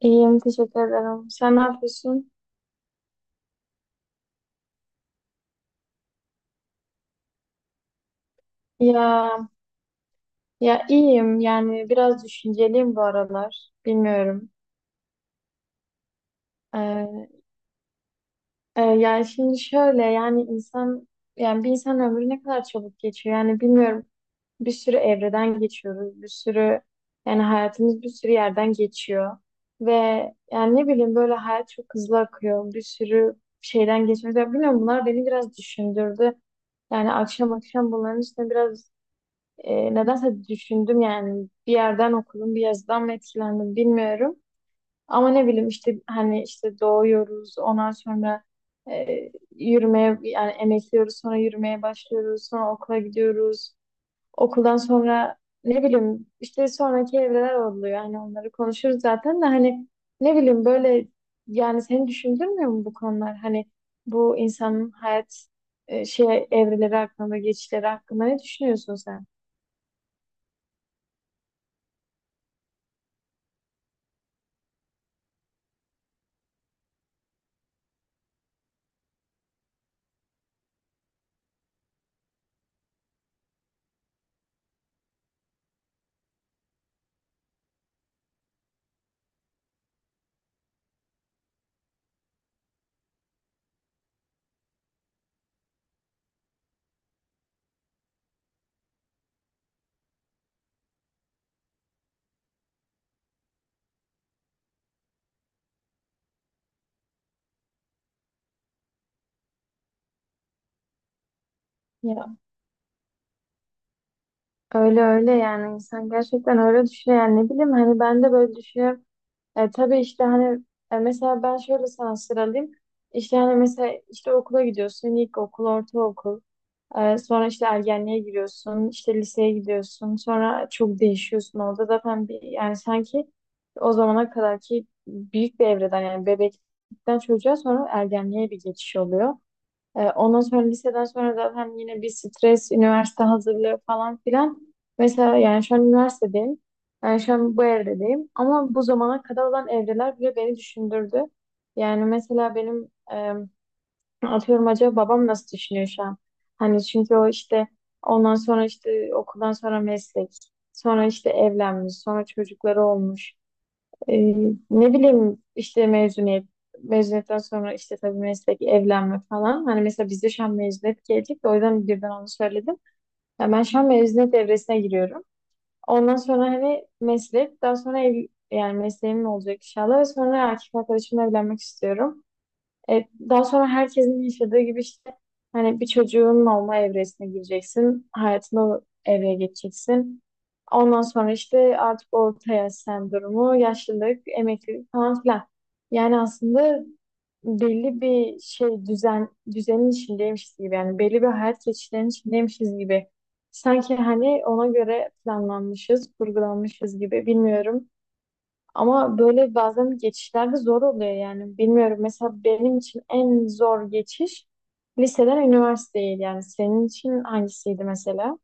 İyiyim, teşekkür ederim. Sen ne yapıyorsun? Ya, ya, iyiyim. Yani biraz düşünceliyim bu aralar. Bilmiyorum. Ee, yani şimdi şöyle yani yani bir insan ömrü ne kadar çabuk geçiyor. Yani bilmiyorum. Bir sürü evreden geçiyoruz. Bir sürü yani hayatımız bir sürü yerden geçiyor. Ve yani ne bileyim böyle hayat çok hızlı akıyor. Bir sürü şeyden geçiyoruz. Ya bilmiyorum bunlar beni biraz düşündürdü. Yani akşam akşam bunların üstüne biraz nedense düşündüm yani bir yerden okudum, bir yazıdan mı etkilendim bilmiyorum. Ama ne bileyim işte hani işte doğuyoruz, ondan sonra e, yürümeye yani emekliyoruz, sonra yürümeye başlıyoruz, sonra okula gidiyoruz. Okuldan sonra ne bileyim işte sonraki evreler oluyor. Yani onları konuşuruz zaten de hani ne bileyim böyle yani seni düşündürmüyor mu bu konular? Hani bu insanın hayat şey evreleri hakkında, geçişleri hakkında ne düşünüyorsun sen? Öyle öyle yani insan gerçekten öyle düşünüyor yani ne bileyim hani ben de böyle düşünüyorum. E, tabii işte hani mesela ben şöyle sana sıralayayım. İşte hani mesela işte okula gidiyorsun ilkokul, ortaokul. E, sonra işte ergenliğe giriyorsun, işte liseye gidiyorsun. Sonra çok değişiyorsun orada zaten bir yani sanki o zamana kadar ki büyük bir evreden yani bebeklikten çocuğa sonra ergenliğe bir geçiş oluyor. Ondan sonra liseden sonra zaten yine bir stres, üniversite hazırlığı falan filan. Mesela yani şu an üniversitedeyim. Yani şu an bu evredeyim. Ama bu zamana kadar olan evreler bile beni düşündürdü. Yani mesela benim atıyorum acaba babam nasıl düşünüyor şu an? Hani çünkü o işte ondan sonra işte okuldan sonra meslek. Sonra işte evlenmiş. Sonra çocukları olmuş. Ee, ne bileyim işte mezuniyetten sonra işte tabii meslek evlenme falan. Hani mesela bizde şu an mezuniyet gelecek de o yüzden birden onu söyledim. Ya ben şu an mezuniyet evresine giriyorum. Ondan sonra hani meslek daha sonra ev, yani mesleğim olacak inşallah ve sonra erkek arkadaşımla evlenmek istiyorum. E, daha sonra herkesin yaşadığı gibi işte hani bir çocuğun olma evresine gireceksin. Hayatına o evreye geçeceksin. Ondan sonra işte artık orta yaş sendromu, yaşlılık, emeklilik falan filan. Yani aslında belli bir şey düzenin içindeymişiz gibi yani belli bir hayat geçişlerinin içindeymişiz gibi. Sanki hani ona göre planlanmışız, kurgulanmışız gibi bilmiyorum. Ama böyle bazen geçişlerde zor oluyor yani. Bilmiyorum mesela benim için en zor geçiş liseden üniversiteye yani senin için hangisiydi mesela?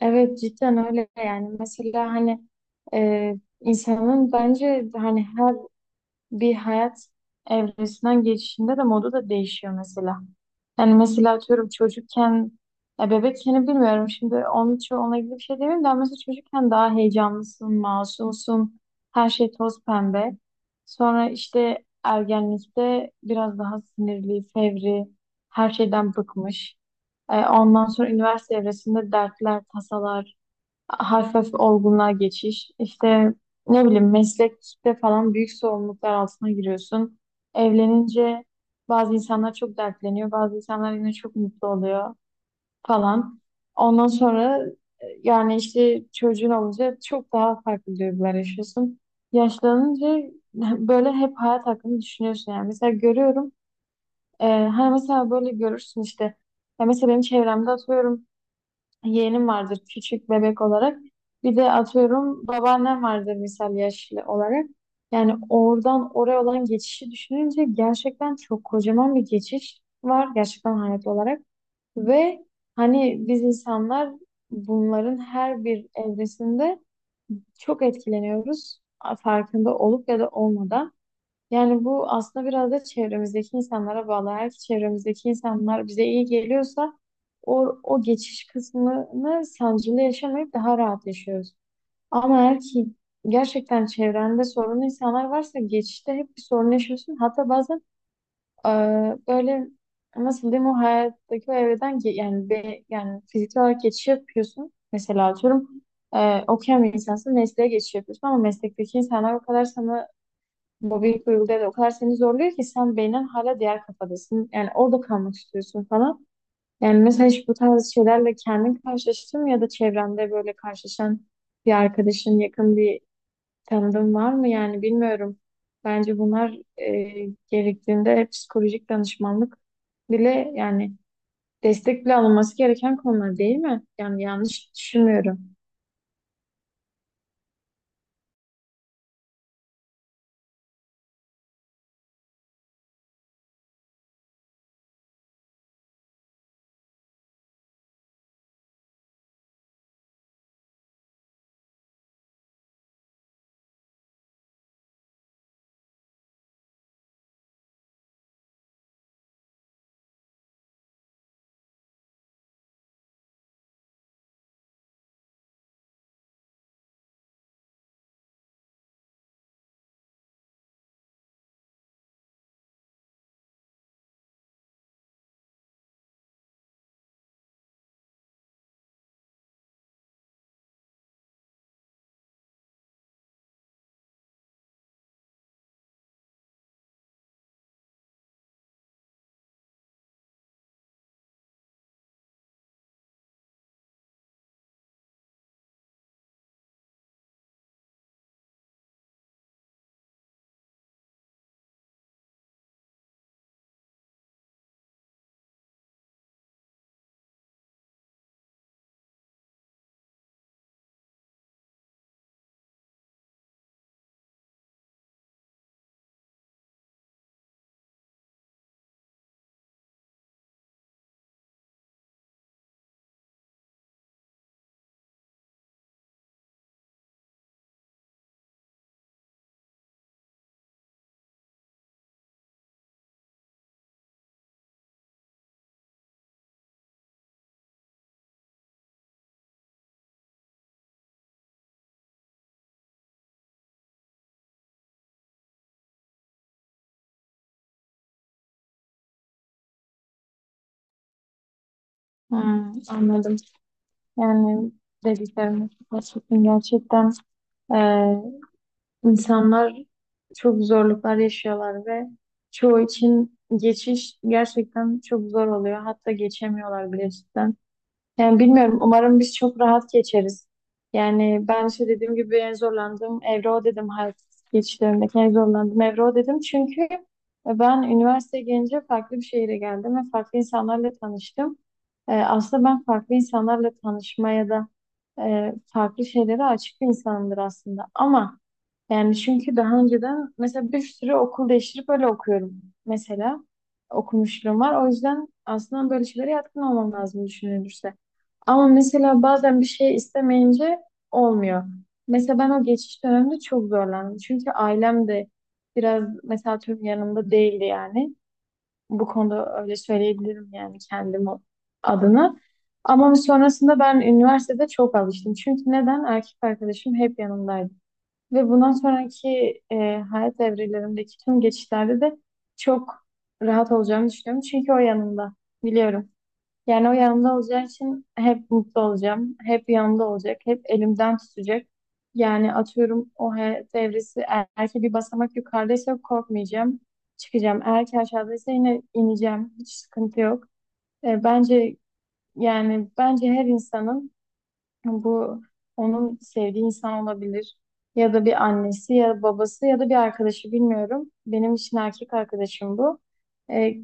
Evet cidden öyle yani mesela hani e, insanın bence hani her bir hayat evresinden geçişinde de modu da değişiyor mesela. Yani mesela atıyorum çocukken, ya bebekken bilmiyorum şimdi onun için onunla ilgili bir şey demeyeyim de ama mesela çocukken daha heyecanlısın, masumsun, her şey toz pembe. Sonra işte ergenlikte biraz daha sinirli, fevri, her şeyden bıkmış. Ondan sonra üniversite evresinde dertler, tasalar, hafif olgunluğa geçiş. İşte ne bileyim meslekte falan büyük sorumluluklar altına giriyorsun. Evlenince bazı insanlar çok dertleniyor, bazı insanlar yine çok mutlu oluyor falan. Ondan sonra yani işte çocuğun olunca çok daha farklı duygular yaşıyorsun. Yaşlanınca böyle hep hayat hakkında düşünüyorsun yani. Mesela görüyorum, hani mesela böyle görürsün işte. Ya mesela benim çevremde atıyorum yeğenim vardır küçük bebek olarak. Bir de atıyorum babaannem vardır misal yaşlı olarak. Yani oradan oraya olan geçişi düşününce gerçekten çok kocaman bir geçiş var gerçekten hayat olarak. Ve hani biz insanlar bunların her bir evresinde çok etkileniyoruz farkında olup ya da olmadan. Yani bu aslında biraz da çevremizdeki insanlara bağlı. Eğer ki çevremizdeki insanlar bize iyi geliyorsa o geçiş kısmını sancılı yaşamayıp daha rahat yaşıyoruz. Ama eğer ki gerçekten çevrende sorunlu insanlar varsa geçişte hep bir sorun yaşıyorsun. Hatta bazen böyle nasıl diyeyim o hayattaki o evreden yani fiziksel olarak geçiş yapıyorsun. Mesela atıyorum okuyan bir insansın mesleğe geçiş yapıyorsun ama meslekteki insanlar o kadar sana mobbing duyguları da o kadar seni zorluyor ki sen beynen hala diğer kafadasın. Yani orada kalmak istiyorsun falan. Yani mesela hiç bu tarz şeylerle kendin karşılaştın mı ya da çevrende böyle karşılaşan bir arkadaşın, yakın bir tanıdığın var mı? Yani bilmiyorum. Bence bunlar gerektiğinde psikolojik danışmanlık bile yani destek bile alınması gereken konular değil mi? Yani yanlış düşünmüyorum. Hmm, anladım. Yani dediklerimiz gerçekten gerçekten İnsanlar çok zorluklar yaşıyorlar ve çoğu için geçiş gerçekten çok zor oluyor. Hatta geçemiyorlar bile cidden. Yani bilmiyorum. Umarım biz çok rahat geçeriz. Yani ben işte dediğim gibi en zorlandığım evre o dedim. Hayat geçişlerimdeki en zorlandığım evre o dedim. Çünkü ben üniversiteye gelince farklı bir şehire geldim ve farklı insanlarla tanıştım. Aslında ben farklı insanlarla tanışmaya da farklı şeylere açık bir insanımdır aslında. Ama yani çünkü daha önceden mesela bir sürü okul değiştirip öyle okuyorum. Mesela okumuşluğum var. O yüzden aslında böyle şeylere yatkın olmam lazım düşünülürse. Ama mesela bazen bir şey istemeyince olmuyor. Mesela ben o geçiş döneminde çok zorlandım. Çünkü ailem de biraz mesela tüm yanımda değildi yani. Bu konuda öyle söyleyebilirim yani kendim adına. Ama sonrasında ben üniversitede çok alıştım. Çünkü neden? Erkek arkadaşım hep yanımdaydı. Ve bundan sonraki e, hayat evrelerimdeki tüm geçişlerde de çok rahat olacağımı düşünüyorum. Çünkü o yanımda. Biliyorum. Yani o yanımda olacağı için hep mutlu olacağım. Hep yanımda olacak. Hep elimden tutacak. Yani atıyorum o hayat evresi eğer ki bir basamak yukarıdaysa korkmayacağım. Çıkacağım. Eğer ki aşağıdaysa yine ineceğim. Hiç sıkıntı yok. Bence yani bence her insanın bu onun sevdiği insan olabilir. Ya da bir annesi ya babası ya da bir arkadaşı bilmiyorum. Benim için erkek arkadaşım bu. Ee,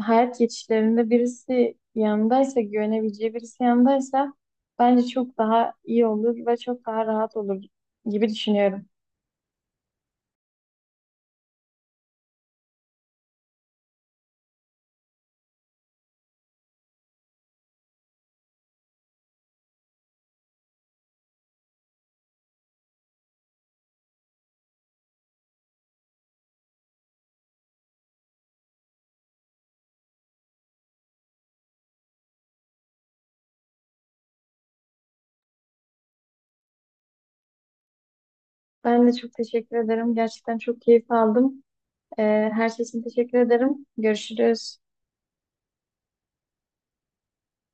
hayat geçişlerinde birisi yanındaysa, güvenebileceği birisi yanındaysa bence çok daha iyi olur ve çok daha rahat olur gibi düşünüyorum. Ben de çok teşekkür ederim. Gerçekten çok keyif aldım. Ee, her şey için teşekkür ederim. Görüşürüz.